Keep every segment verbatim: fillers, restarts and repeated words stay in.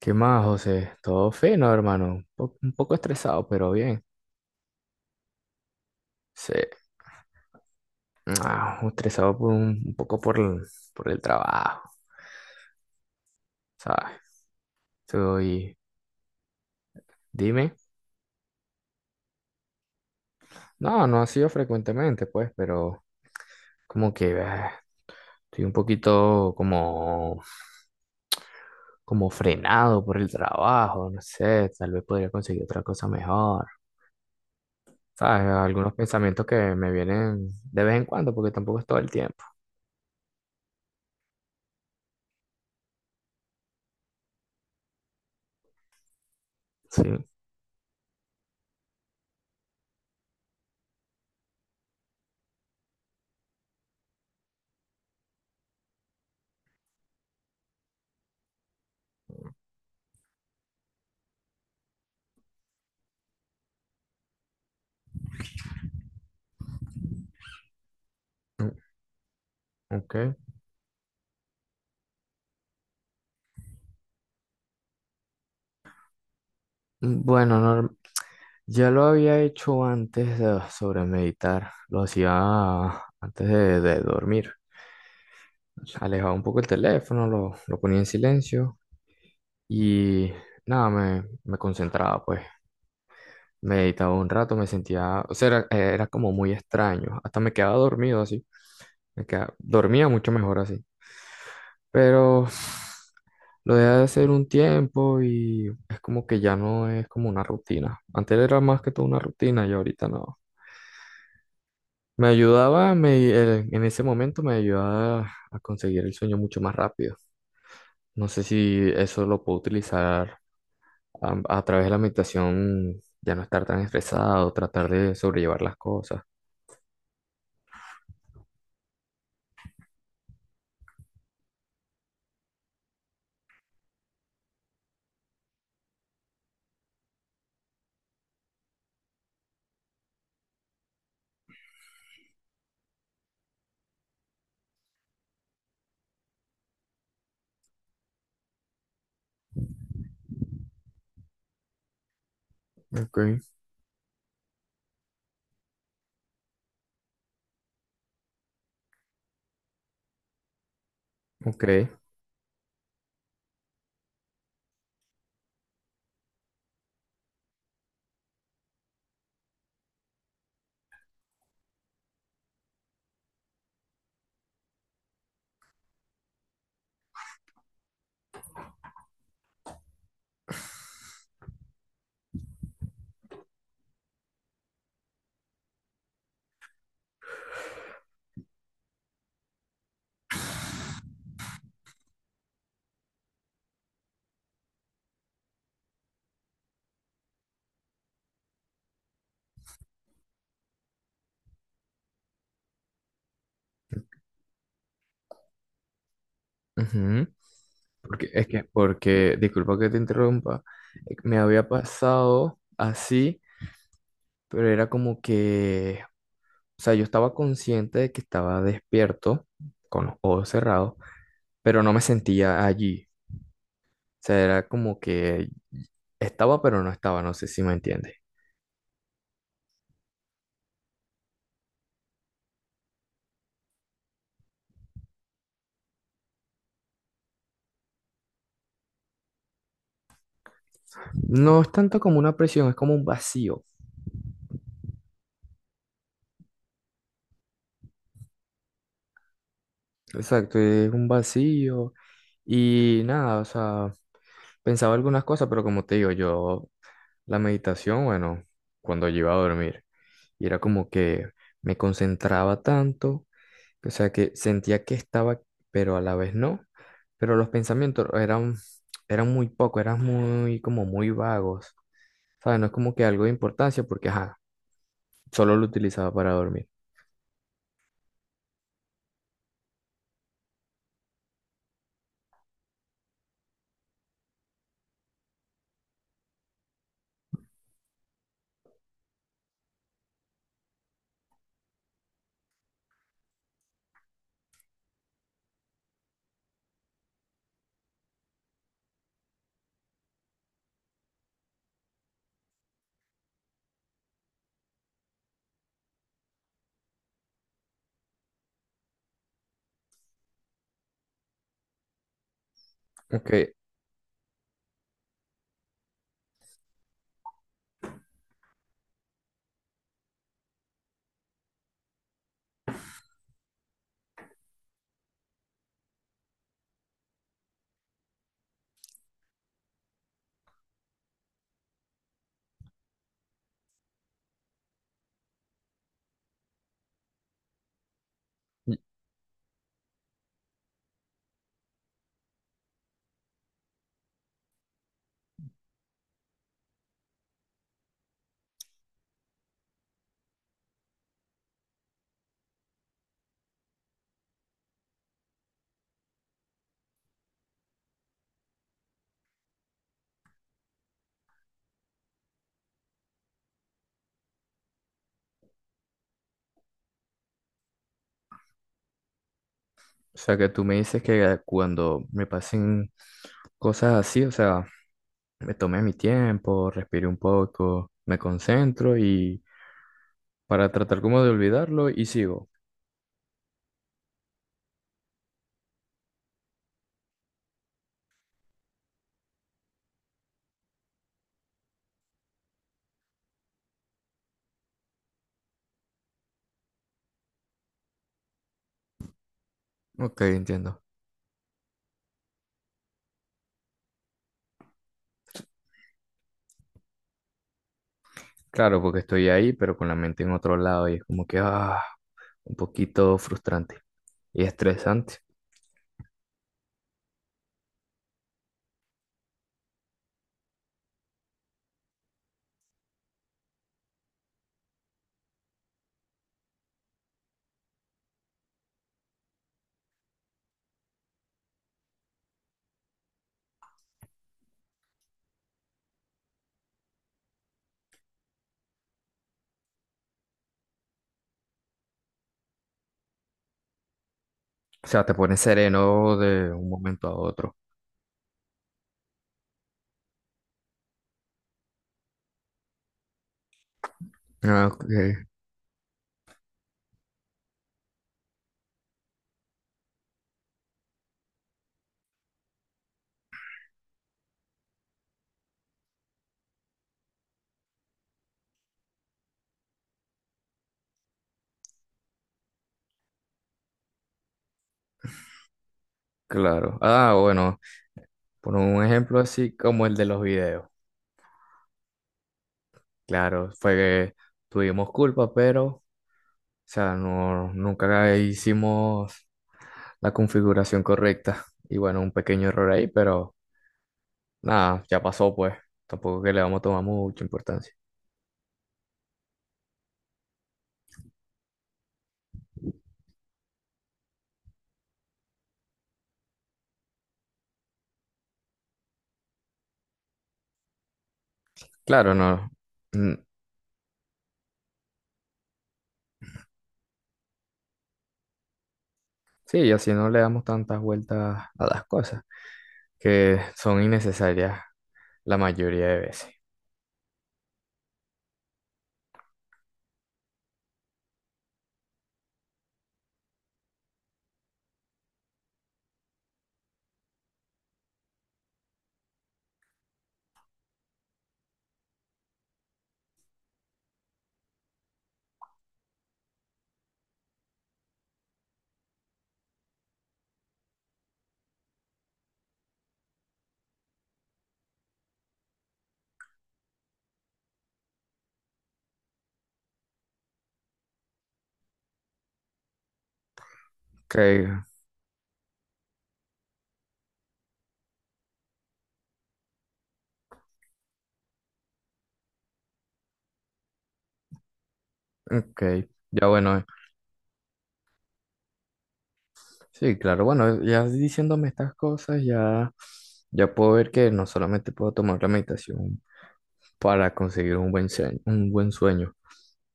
¿Qué más, José? Todo fino, hermano. Un po- un poco estresado, pero bien. Sí, ah, estresado por un, un poco por el, por el trabajo, ¿sabes? Estoy, dime. No, no ha sido frecuentemente, pues, pero como que ah, estoy un poquito como, como frenado por el trabajo, no sé, tal vez podría conseguir otra cosa mejor, ¿sabes? Algunos pensamientos que me vienen de vez en cuando, porque tampoco es todo el tiempo, ¿sí? Ok. Bueno, norm- ya lo había hecho antes de- sobre meditar, lo hacía antes de, de dormir. Alejaba un poco el teléfono, lo, lo ponía en silencio y nada, me, me concentraba pues. Meditaba un rato, me sentía, o sea, era, era como muy extraño. Hasta me quedaba dormido así. Me quedaba- dormía mucho mejor así. Pero lo dejé de hacer un tiempo y es como que ya no es como una rutina. Antes era más que todo una rutina y ahorita no. Me ayudaba, me, eh, en ese momento me ayudaba a conseguir el sueño mucho más rápido. No sé si eso lo puedo utilizar a, a través de la meditación ya no estar tan estresado, tratar de sobrellevar las cosas. Ok, ok. Ujú. Porque es que, porque, disculpa que te interrumpa, eh, me había pasado así, pero era como que, o sea, yo estaba consciente de que estaba despierto, con los ojos cerrados, pero no me sentía allí. O sea, era como que estaba, pero no estaba, no sé si me entiendes. No es tanto como una presión, es como un vacío. Exacto, es un vacío y nada, o sea, pensaba algunas cosas, pero como te digo, yo la meditación, bueno, cuando yo iba a dormir, y era como que me concentraba tanto, o sea, que sentía que estaba, pero a la vez no, pero los pensamientos eran, eran muy poco, eran muy, como muy vagos, ¿sabes? No es como que algo de importancia porque, ajá, solo lo utilizaba para dormir. Ok, o sea, que tú me dices que cuando me pasen cosas así, o sea, me tomé mi tiempo, respiré un poco, me concentro y para tratar como de olvidarlo y sigo. Ok, entiendo. Claro, porque estoy ahí, pero con la mente en otro lado y es como que, ah, un poquito frustrante y estresante. O sea, te pone sereno de un momento a otro. Ah, ok. Claro. Ah, bueno, por un ejemplo así como el de los videos. Claro, fue que tuvimos culpa, pero sea, no, nunca hicimos la configuración correcta. Y bueno, un pequeño error ahí, pero nada, ya pasó pues. Tampoco que le vamos a tomar mucha importancia. Claro, no. mm, sí, y así no le damos tantas vueltas a las cosas, que son innecesarias la mayoría de veces. Ok, ok. Ya bueno, sí, claro, bueno, ya diciéndome estas cosas, ya, ya puedo ver que no solamente puedo tomar la meditación para conseguir un buen sueño, un buen sueño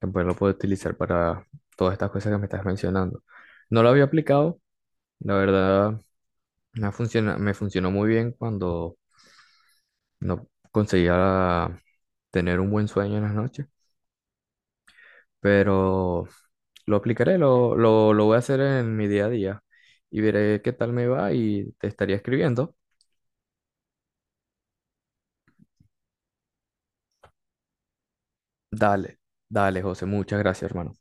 que pues lo puedo utilizar para todas estas cosas que me estás mencionando. No lo había aplicado, la verdad me funciona, me funcionó muy bien cuando no conseguía tener un buen sueño en las noches, pero lo aplicaré, lo, lo, lo voy a hacer en mi día a día y veré qué tal me va y te estaría escribiendo. Dale, dale, José, muchas gracias, hermano.